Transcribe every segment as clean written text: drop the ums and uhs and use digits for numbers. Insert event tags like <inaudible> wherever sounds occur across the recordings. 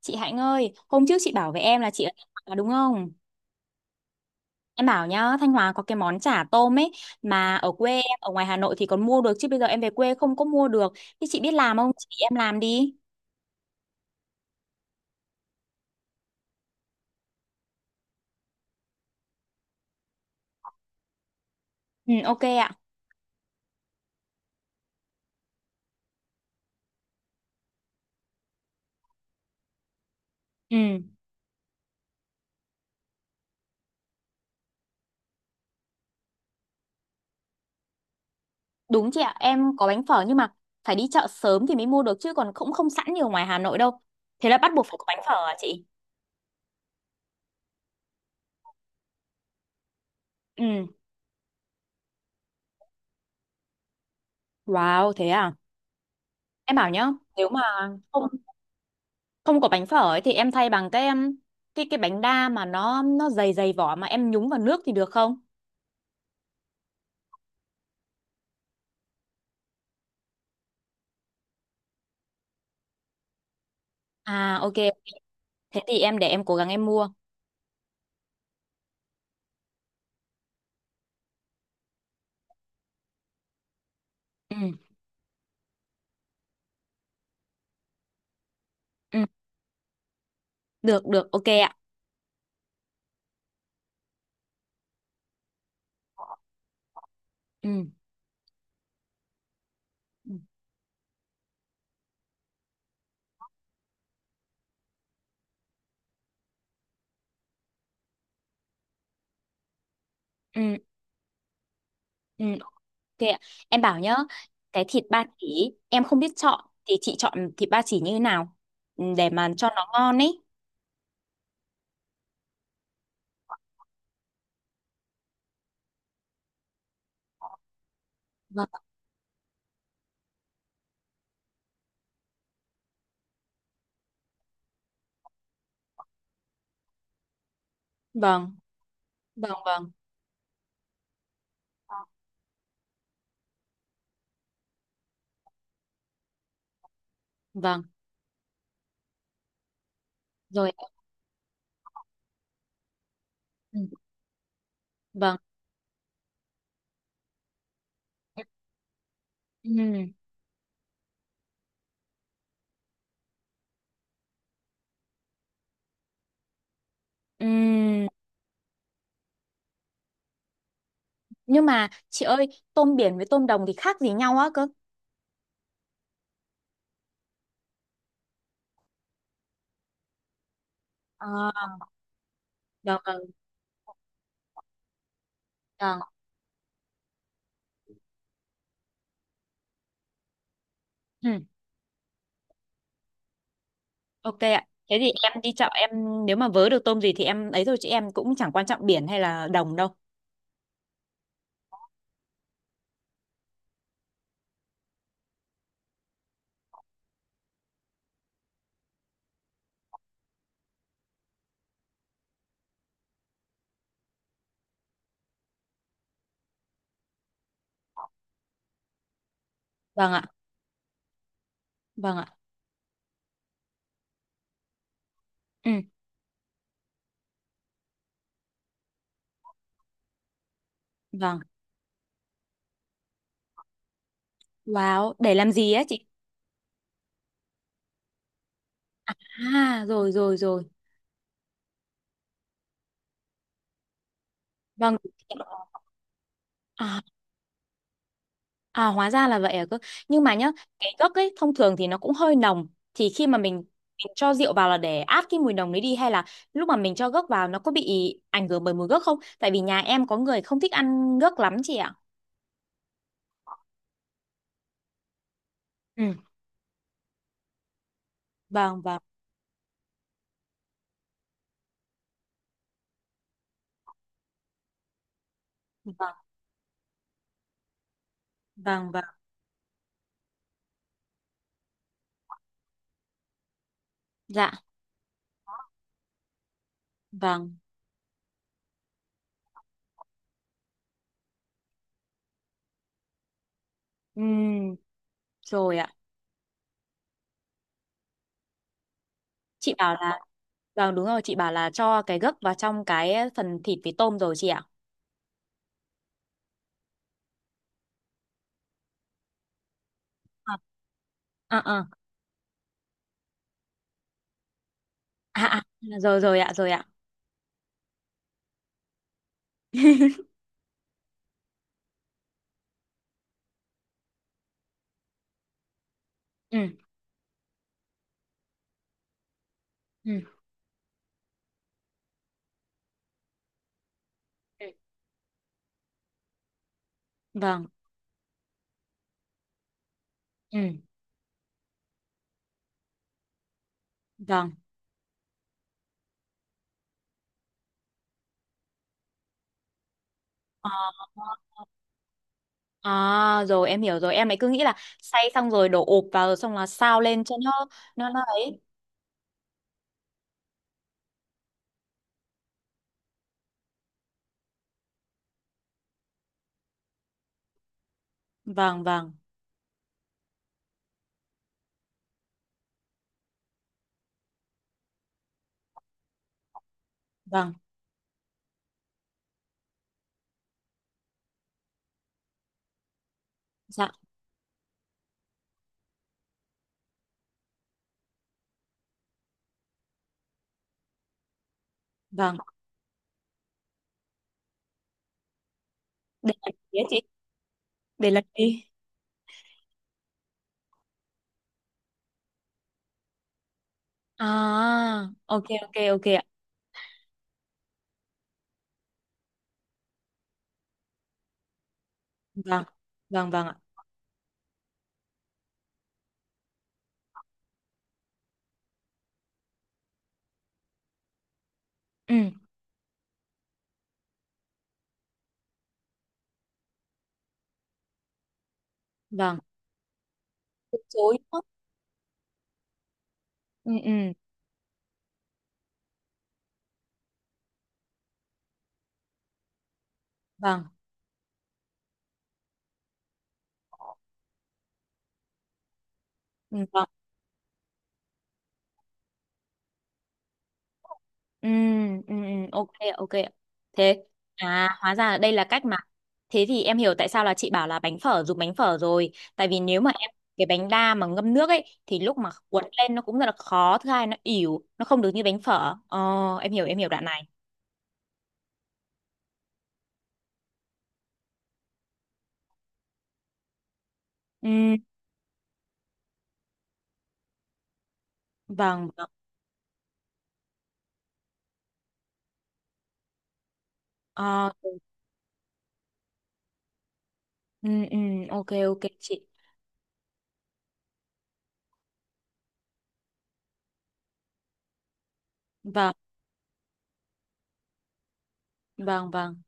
Chị Hạnh ơi, hôm trước chị bảo với em là chị ở Thanh Hóa đúng không? Em bảo nhá, Thanh Hóa có cái món chả tôm ấy mà ở quê em, ở ngoài Hà Nội thì còn mua được chứ bây giờ em về quê không có mua được. Thì chị biết làm không? Chị em làm đi. Ừ, ok ạ. Ừ, đúng chị ạ, em có bánh phở nhưng mà phải đi chợ sớm thì mới mua được chứ còn cũng không sẵn như ở ngoài Hà Nội đâu. Thế là bắt buộc phải có bánh phở à chị? Ừ, wow, thế à? Em bảo nhá, nếu mà không không có bánh phở ấy thì em thay bằng cái em cái bánh đa mà nó dày dày vỏ mà em nhúng vào nước thì được không? À ok, thế thì em để em cố gắng em mua. Ừ ừ, được được ok ạ. Ừ ừ ừ ừ, ok ạ. Em bảo nhá, cái thịt ba chỉ em không biết chọn thì chị chọn thịt ba chỉ như thế nào? Ừ, để mà cho nó ngon ấy. Vâng vâng vâng vâng vâng rồi. Ừ, vâng. Ừ. Ừ. Nhưng mà chị ơi, tôm biển với tôm đồng thì khác gì nhau á cơ? Được rồi, vâng. Ừ, ok ạ. Thế thì em đi chợ, em nếu mà vớ được tôm gì thì em ấy thôi chứ em cũng chẳng quan trọng biển hay là đồng đâu. Vâng ạ. Vâng ạ. Ừ, vâng. Wow, để làm gì á chị? À, rồi rồi rồi. Vâng. À, à hóa ra là vậy à cơ. Nhưng mà nhá, cái gấc ấy thông thường thì nó cũng hơi nồng. Thì khi mà mình cho rượu vào là để át cái mùi nồng đấy đi hay là lúc mà mình cho gấc vào nó có bị ảnh hưởng bởi mùi gấc không? Tại vì nhà em có người không thích ăn gấc lắm chị ạ. Ừ, vâng vâng. Vâng, vâng, vâng. Dạ, vâng. Ừm, rồi ạ. Chị bảo là, vâng đúng rồi, chị bảo là cho cái gấc vào trong cái phần thịt với tôm rồi chị ạ. À, à, à, à, à, rồi rồi ạ, rồi ạ. <laughs> Ừ, ừ, ừ, vâng, ừ, vâng. Ờ, à, rồi em hiểu rồi. Em ấy cứ nghĩ là xay xong rồi đổ ụp vào rồi xong là sao lên cho nó ấy. Vâng, vâng, vâng. Dạ, vâng. Để làm gì ấy chị? Để làm gì? À, ok ok ok ạ. Vâng vâng vâng ạ. Ừ. Vâng. Từ chối nữa. Ừ ừ. Vâng. Ừ. Vâng. Ừ ừ ừ, ok ạ, ok ạ. Thế, à, hóa ra là đây là cách mà thế thì em hiểu tại sao là chị bảo là bánh phở, dùng bánh phở rồi. Tại vì nếu mà em cái bánh đa mà ngâm nước ấy thì lúc mà cuốn lên nó cũng rất là khó, thứ hai nó ỉu, nó không được như bánh phở ờ em hiểu em hiểu đoạn này. Ừ vâng vâng. Ờ, ừ ừ. Ok ok chị. Vâng vâng vâng.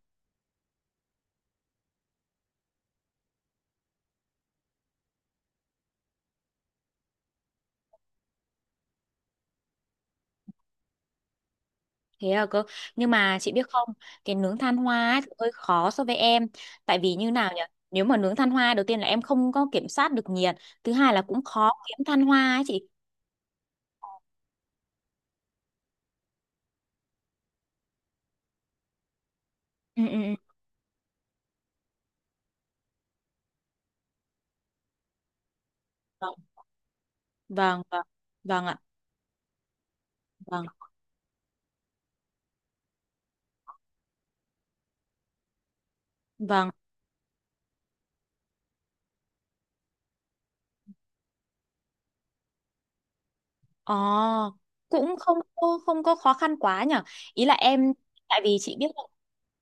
Thế à cơ. Nhưng mà chị biết không? Cái nướng than hoa ấy thì hơi khó so với em. Tại vì như nào nhỉ? Nếu mà nướng than hoa đầu tiên là em không có kiểm soát được nhiệt. Thứ hai là cũng khó kiếm than hoa ấy chị. Ừ ừ ừ. Vâng vâng vâng, vâng ạ. Vâng vâng. Ờ, cũng không có khó khăn quá nhở. Ý là em, tại vì chị biết là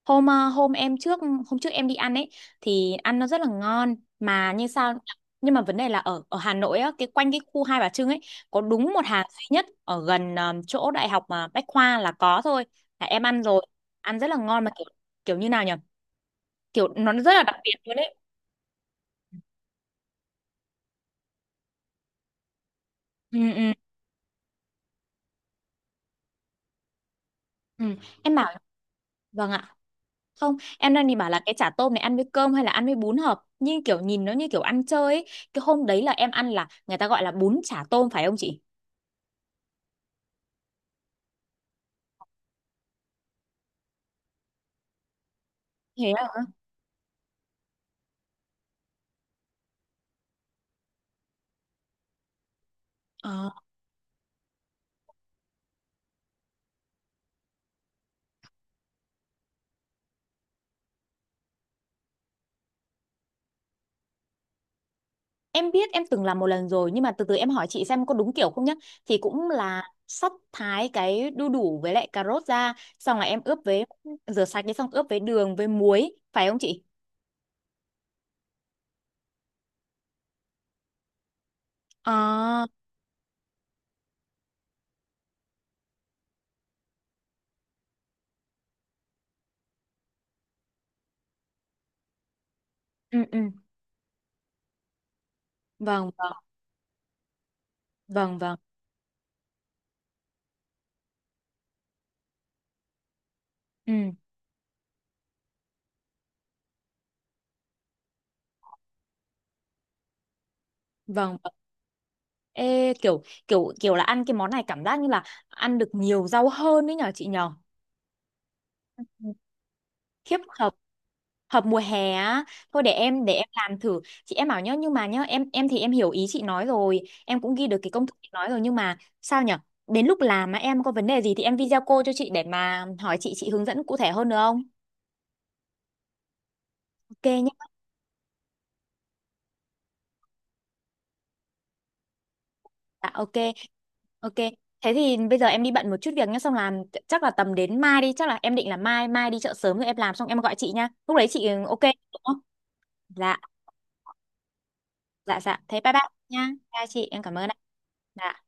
hôm ờ, hôm em trước hôm trước em đi ăn ấy thì ăn nó rất là ngon mà như sao, nhưng mà vấn đề là ở ở Hà Nội á, cái quanh cái khu Hai Bà Trưng ấy có đúng một hàng duy nhất ở gần chỗ đại học mà Bách Khoa là có thôi. Là em ăn rồi, ăn rất là ngon mà kiểu kiểu như nào nhở? Kiểu nó rất là đặc biệt luôn đấy. Ừ ừ ừ. Em bảo vâng ạ. Không, em đang định bảo là cái chả tôm này ăn với cơm hay là ăn với bún hợp. Nhưng kiểu nhìn nó như kiểu ăn chơi ấy. Cái hôm đấy là em ăn là người ta gọi là bún chả tôm phải không chị? Thế à? Ờ. Em biết em từng làm một lần rồi nhưng mà từ từ em hỏi chị xem có đúng kiểu không nhá. Thì cũng là sắp thái cái đu đủ với lại cà rốt ra xong là em ướp với rửa sạch đi xong ướp với đường với muối phải không chị? À, ừ ừ. Vâng vâng vâng vâng. Ừ vâng. Ê, kiểu kiểu kiểu là ăn cái món này cảm giác như là ăn được nhiều rau hơn đấy nhở chị nhở. Khiếp hợp, hợp mùa hè á. Thôi để em làm thử chị, em bảo nhá, nhưng mà nhá em thì em hiểu ý chị nói rồi, em cũng ghi được cái công thức chị nói rồi nhưng mà sao nhở, đến lúc làm mà em có vấn đề gì thì em video call cho chị để mà hỏi chị hướng dẫn cụ thể hơn được không? Ok nhá. Dạ ok. Ok. Thế thì bây giờ em đi bận một chút việc nhá xong làm, chắc là tầm đến mai đi, chắc là em định là mai mai đi chợ sớm rồi em làm xong em gọi chị nhá, lúc đấy chị ừ, ok. Dạ dạ dạ, thế bye bye nha, chào chị em cảm ơn ạ. Dạ.